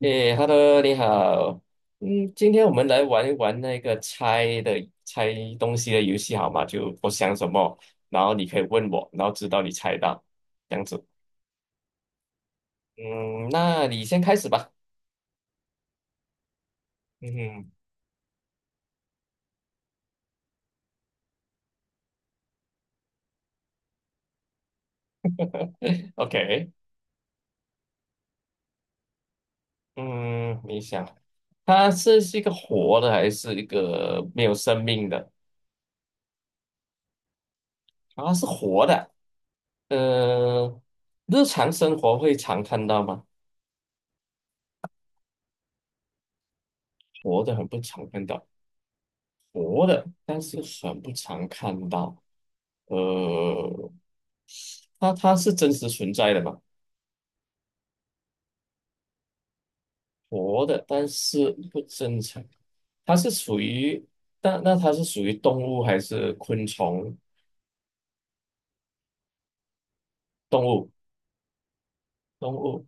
诶，Hello，你好。今天我们来玩一玩那个猜东西的游戏，好吗？就我想什么，然后你可以问我，然后直到你猜到，这样子。嗯，那你先开始吧。嗯哼。 ，OK。嗯，你想，它是一个活的还是一个没有生命的？啊，是活的。呃，日常生活会常看到吗？活的很不常看到，活的，但是很不常看到。呃，它是真实存在的嘛，活的，但是不正常。它是属于，但那它是属于动物还是昆虫？动物，动物。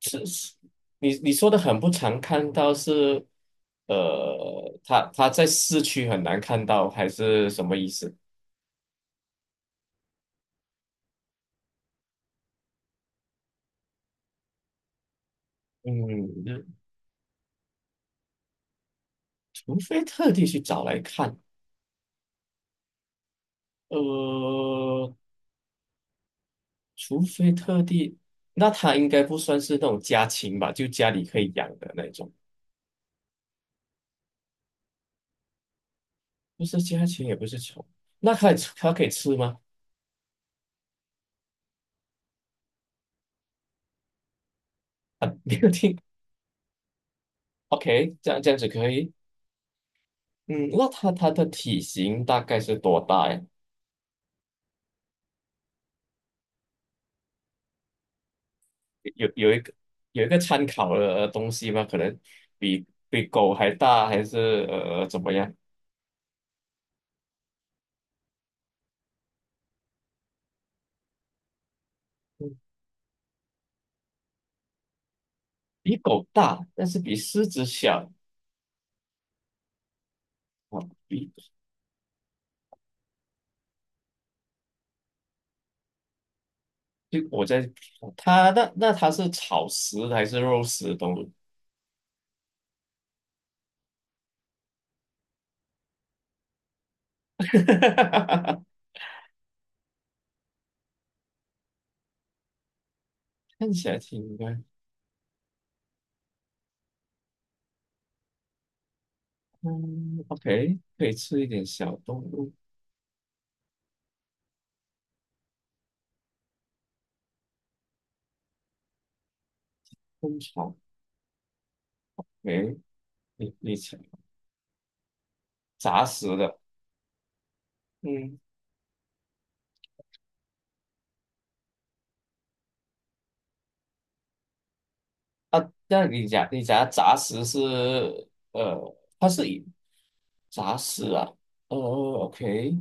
是你说的很不常看到是，它在市区很难看到，还是什么意思？嗯，除非特地去找来看。呃，除非特地，那它应该不算是那种家禽吧？就家里可以养的那种，不是家禽，也不是宠。那它可以吃吗？啊，没有听。OK，这样子可以。嗯，那它的体型大概是多大呀？有有一个有一个参考的东西吗？可能比狗还大，还是怎么样？嗯比狗大，但是比狮子小。啊，比就我在它那那它是草食的还是肉食的动物？看起来挺乖。嗯，OK，可以吃一点小动物昆虫。诶，你你吃杂食的，嗯啊，那你讲的杂食是它是以杂食啊，OK，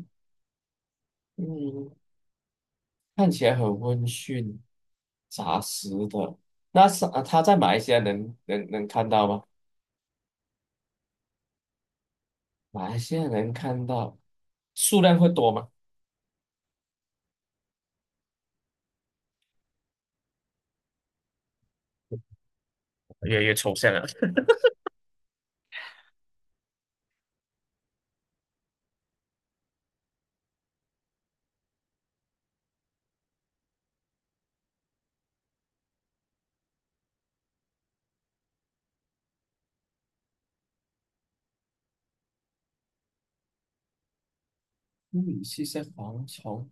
嗯，看起来很温驯，杂食的。那是啊，它在马来西亚能看到吗？马来西亚能看到，数量会多吗？越来越抽象了。嗯，是些蝗虫，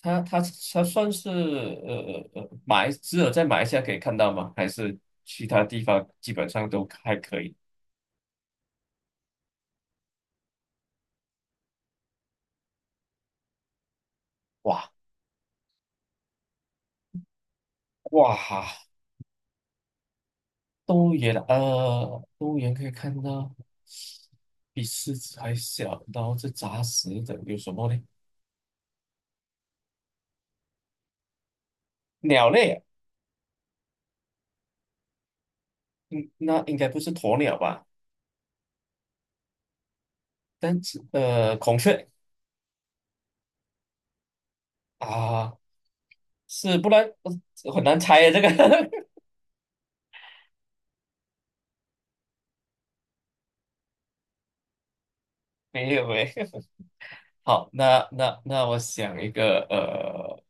它它它算是呃呃马来只有在马来西亚可以看到吗？还是其他地方基本上都还可以？哇哇，动物园啊。动物园可以看到比狮子还小，然后是杂食的，有什么呢？鸟类啊。嗯，那应该不是鸵鸟吧？但是孔雀啊，是不然很难猜啊，这个。 没有诶。好，那我想一个，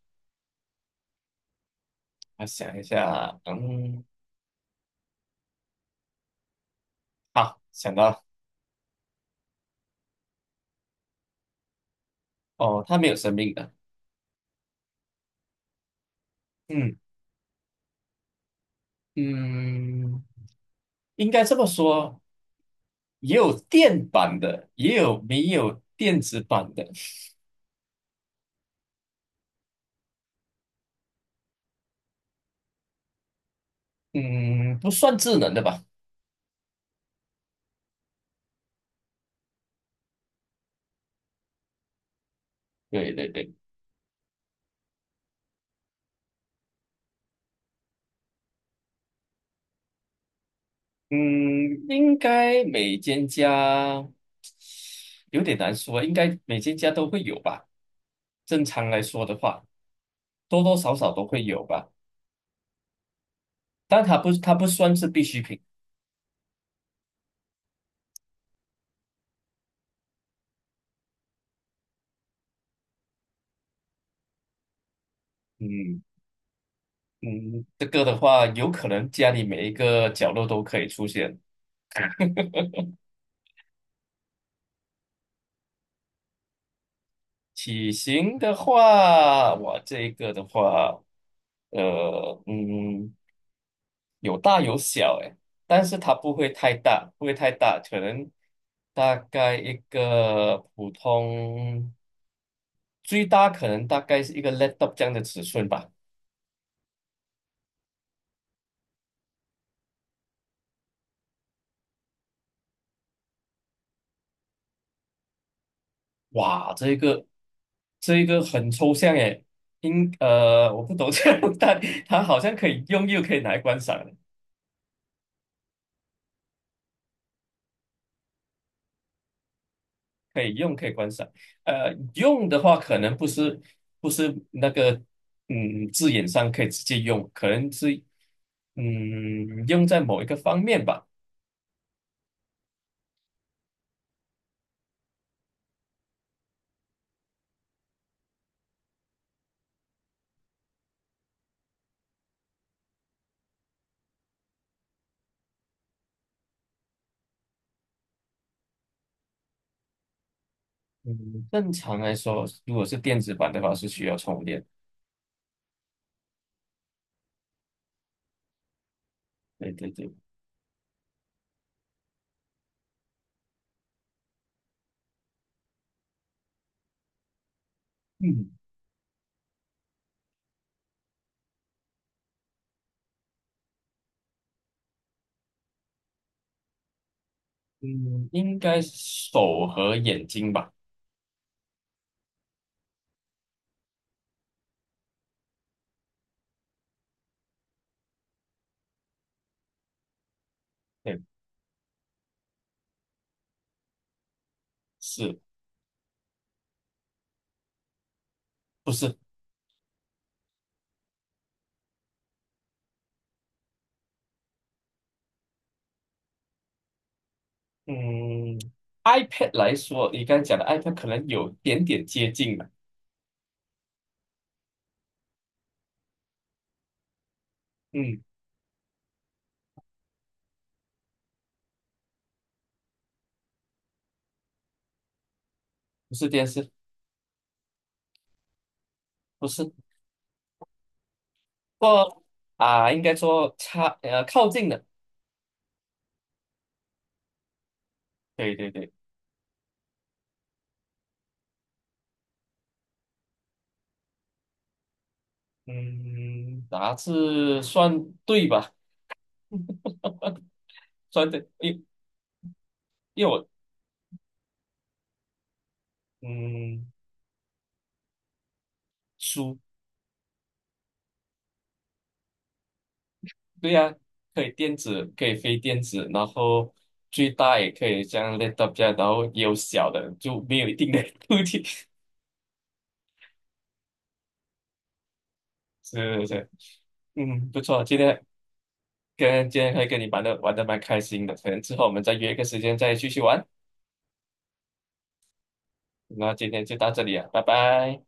我想一下，好，想到了，哦，它没有生命的，嗯嗯，应该这么说，也有电版的，也有没有电子版的，嗯，不算智能的吧？对对对，嗯，应该每间家有点难说，应该每间家都会有吧？正常来说的话，多多少少都会有吧，但它不算是必需品，嗯。嗯，这个的话，有可能家里每一个角落都可以出现。体型的话，我这一个的话，呃，嗯，有大有小，诶，但是它不会太大，不会太大，可能大概一个普通，最大可能大概是一个 laptop 这样的尺寸吧。哇，这个很抽象诶，我不懂这样，但它好像可以用，又可以拿来观赏的，可以用，可以观赏。用的话可能不是那个字眼上可以直接用，可能是用在某一个方面吧。嗯，正常来说，如果是电子版的话，是需要充电。对对对，嗯嗯，应该是手和眼睛吧？对，是不是？嗯，iPad 来说，你刚才讲的 iPad 可能有点点接近了。嗯，不是电视，不是，不过啊，应该说靠近的。对对对，嗯，杂志算对吧？呃算对，因为我嗯书。对呀、可以电子，可以非电子，然后最大也可以像样 laptop 这样然后也有小的，就没有一定的 是是是，不错，今天可以跟你玩的蛮开心的，可能之后我们再约一个时间再继续玩。那今天就到这里了，拜拜。